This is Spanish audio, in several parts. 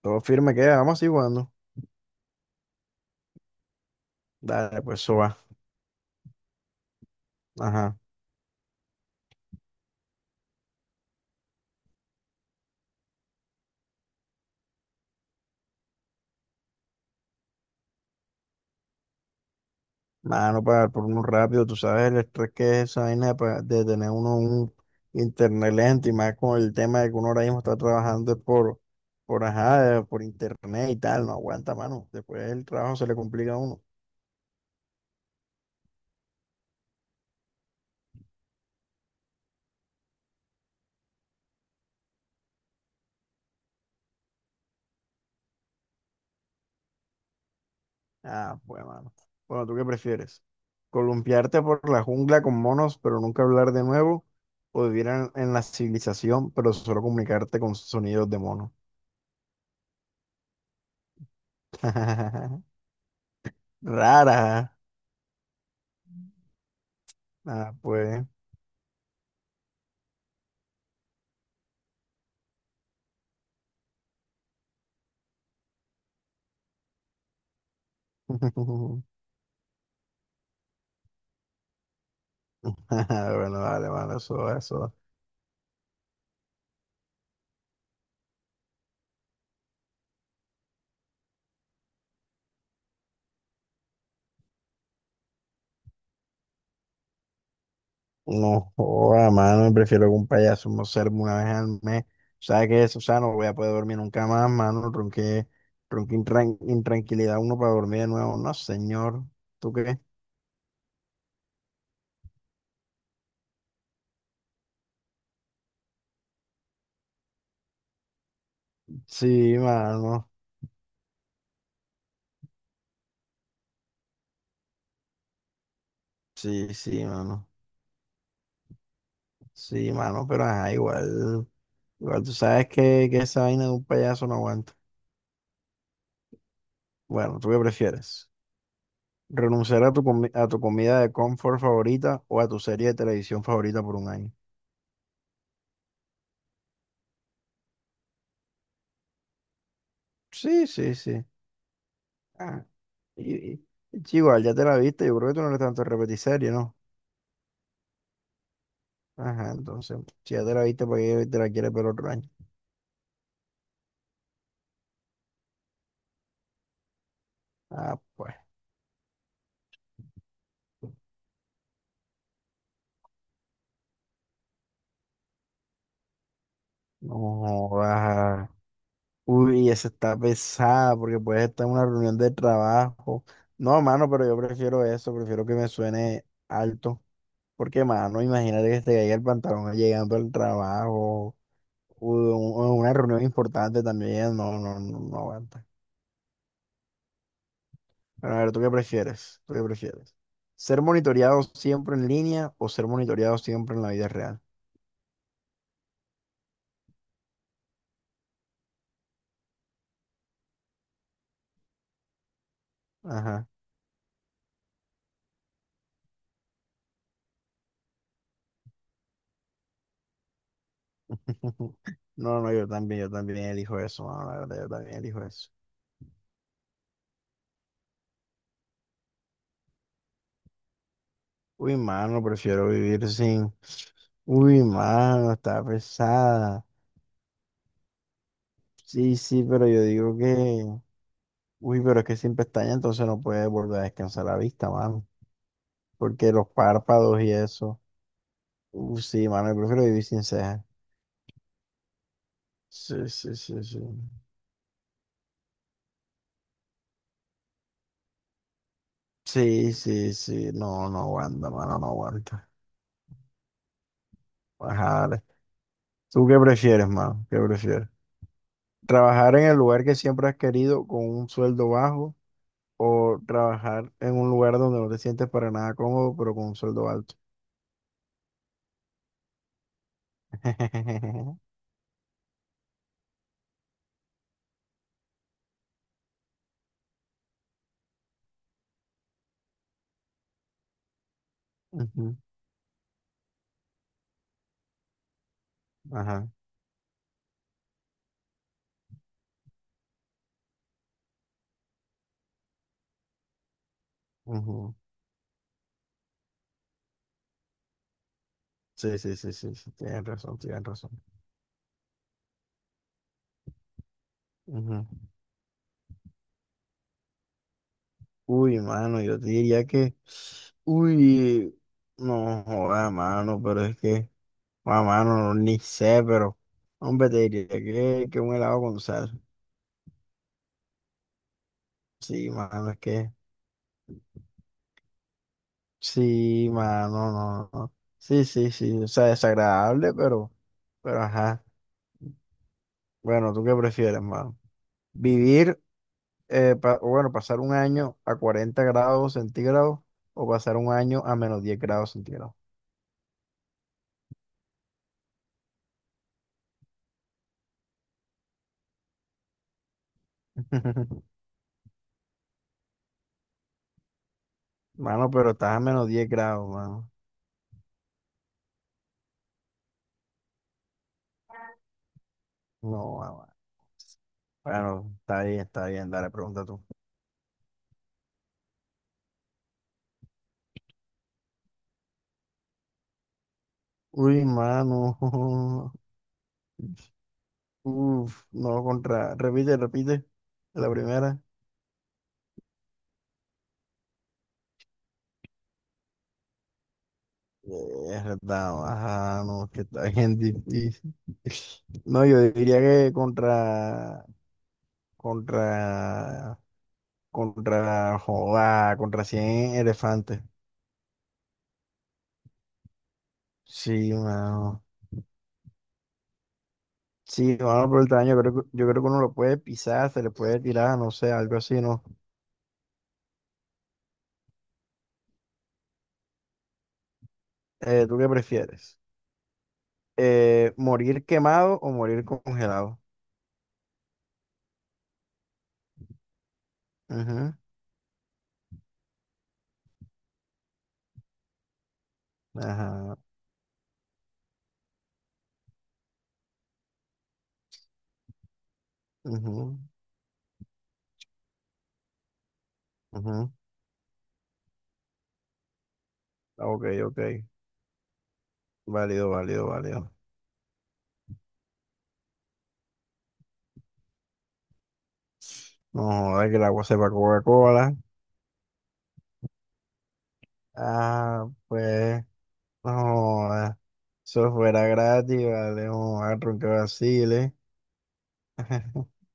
Todo firme queda, vamos así jugando. Dale, pues eso va. Ajá. Mano, para por uno rápido, tú sabes el estrés que es esa vaina de tener uno un internet lento y más con el tema de que uno ahora mismo está trabajando es por, ajá, por internet y tal, no aguanta, mano. Después el trabajo se le complica a uno. Ah, pues, mano. Bueno, ¿tú qué prefieres? ¿Columpiarte por la jungla con monos, pero nunca hablar de nuevo? ¿O vivir en la civilización, pero solo comunicarte con sonidos de mono? Rara. Ah, pues. Ah, bueno, vale, mano, eso, eso. No joda, mano, prefiero que un payaso me observe una vez al mes. ¿Sabes qué es? O sea, no voy a poder dormir nunca más, mano. Ronqué, intranquilidad uno para dormir de nuevo. No, señor. ¿Tú qué? Sí, mano. Sí, sí, mano. Sí, mano, pero ajá, igual. Igual tú sabes que esa vaina de un payaso no aguanta. Bueno, ¿tú qué prefieres? Renunciar a tu comida de confort favorita o a tu serie de televisión favorita por un año. Sí, sí, sí. Ah, y, y- y chico, ya te la viste, yo creo que tú no eres tanto de repetir serie, ¿no? Ajá, entonces, si ya te la viste, ¿para qué te la quieres ver otro año? Ah, pues, no jodas. Uy, esa está pesada porque puedes estar en una reunión de trabajo. No, mano, pero yo prefiero eso, prefiero que me suene alto. Porque, mano, imagínate que te caiga el pantalón llegando al trabajo. Un una reunión importante también, no, no, no, no aguanta. Pero a ver, ¿tú qué prefieres? ¿Tú qué prefieres? ¿Ser monitoreado siempre en línea o ser monitoreado siempre en la vida real? Ajá. No, no, yo también elijo eso, mano, la verdad, yo también elijo eso. Uy, mano, prefiero vivir sin. Uy, mano, está pesada. Sí, sí, pero yo digo que. Uy, pero es que sin pestaña entonces no puedes volver a descansar la vista, mano. Porque los párpados y eso. Sí, mano, yo prefiero vivir sin cejas. Sí, sí, sí, sí. Sí, sí, sí. No, no aguanta, mano, no aguanta. Ajá, ¿tú qué prefieres, mano? ¿Qué prefieres? ¿Trabajar en el lugar que siempre has querido con un sueldo bajo o trabajar en un lugar donde no te sientes para nada cómodo, pero con un sueldo alto? Ujú, ajá. Ujú. Sí, sí, sí, sí, sí. Tienes razón, tienes razón. Ujú. Uy, mano, yo te diría que, uy, no joda, mano, pero es que, ah, mano, ni sé, pero, hombre, te diría que un helado con sal. Sí, mano, es que, sí, mano, no, no. Sí, sí, sí, o sea, desagradable, pero ajá. Bueno, ¿tú qué prefieres, mano? ¿Vivir, o bueno, pasar un año a 40 °C o pasar un año a -10 °C? Mano, pero estás a -10 grados, mano. No, mamá. Bueno, está bien, dale, pregunta tú. Uy, mano. Uf, no, contra. Repite, repite. La primera. Es verdad, ajá, no, es que está bien difícil. No, yo diría que contra, joda, contra 100 elefantes. Sí, mano. Sí, mano, por el tamaño, yo creo que uno lo puede pisar, se le puede tirar, no sé, algo así, ¿no? ¿Tú qué prefieres? Morir quemado o morir congelado. Ujú, ajá. Ujú, ujú. Ah, ok, ok. Válido, válido, válido. No joda que el agua sepa Coca-Cola. Ah, pues. No joda. Eso fuera gratis, vale. No a que vacile.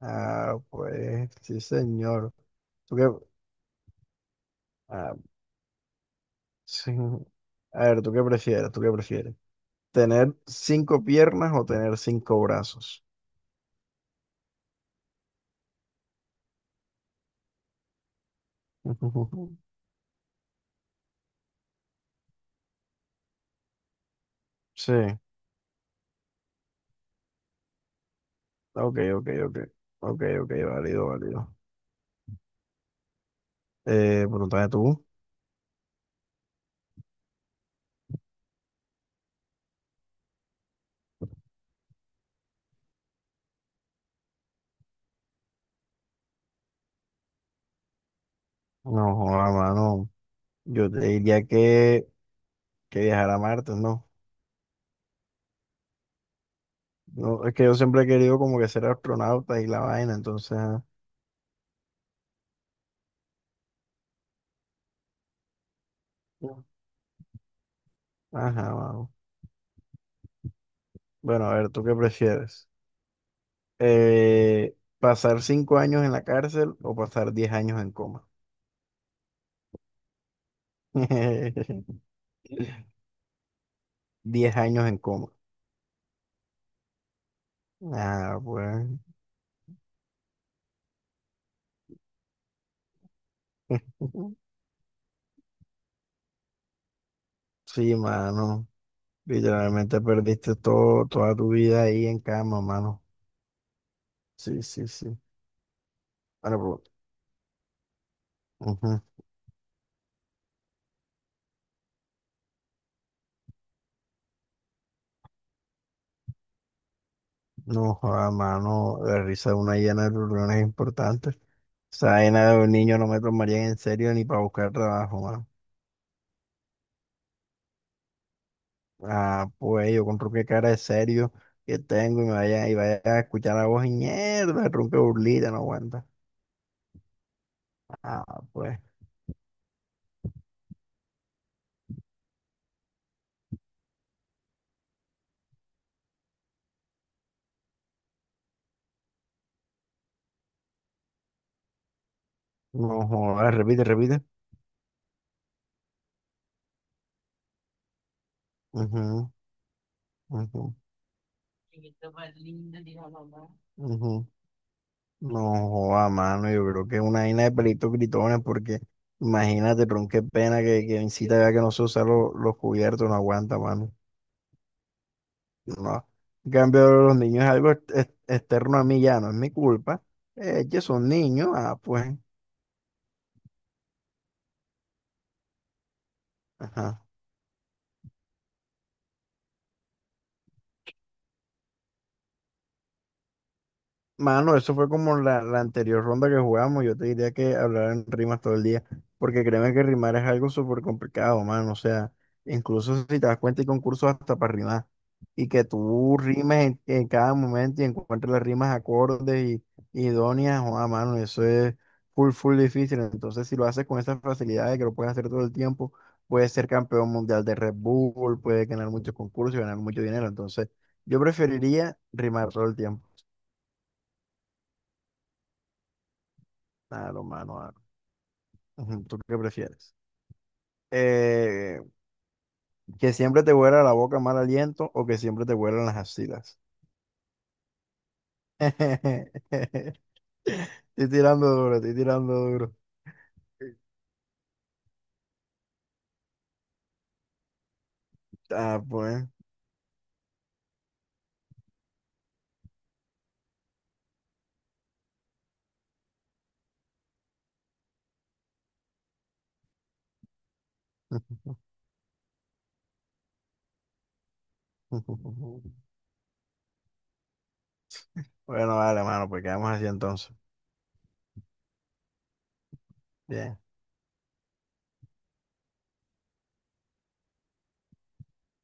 Ah, pues. Sí, señor. ¿Tú qué? Ah, sí. A ver, ¿tú qué prefieres? ¿Tú qué prefieres? ¿Tener cinco piernas o tener cinco brazos? Sí. Ok, ok, ok. Ok, ok, válido, válido. Bueno, entonces tú. No, joda, mano. Yo te diría que viajar a Marte, ¿no? No, es que yo siempre he querido como que ser astronauta y la vaina, entonces. Ujú. Ajá, mano. Bueno, a ver, ¿tú qué prefieres? ¿Pasar 5 años en la cárcel o pasar 10 años en coma? 10 años en coma. Ah, pues. Sí, mano. Literalmente perdiste todo, toda tu vida ahí en cama, mano. Sí, sí, sí. Bueno, pregunta. Ujú. No, joda, mano, la risa una llena de reuniones importantes. Esa vaina de un niño no me tomaría en serio ni para buscar trabajo, mano. Ah, pues yo con qué cara de serio que tengo y me vaya, y vaya a escuchar la voz y mierda, tronco de burlita, no aguanta. Ah, pues, no jodas, repite, repite. Ujú, ujú, ujú. No, joda mano, yo creo que es una vaina de pelitos gritones, porque imagínate, tron, qué pena que incita ya que no se usan los cubiertos, no aguanta, mano. No. En cambio, los niños es algo externo a mí ya, no es mi culpa. Que son niños, ah, pues. Ajá. Mano, eso fue como la anterior ronda que jugamos. Yo te diría que hablar en rimas todo el día, porque créeme que rimar es algo súper complicado, mano. O sea, incluso si te das cuenta, hay concursos hasta para rimar. Y que tú rimes en cada momento y encuentres las rimas acordes y idóneas, o a mano, eso es full, full difícil. Entonces, si lo haces con esa facilidad de que lo puedes hacer todo el tiempo, puedes ser campeón mundial de Red Bull, puedes ganar muchos concursos y ganar mucho dinero. Entonces, yo preferiría rimar todo el tiempo. A lo mano, a ujú, ¿tú qué prefieres? Eh, que siempre te huela la boca mal aliento o que siempre te huelan las axilas. Estoy tirando duro, estoy tirando duro. Ah, pues. Bueno, vale, mano, pues quedamos así entonces. Bien.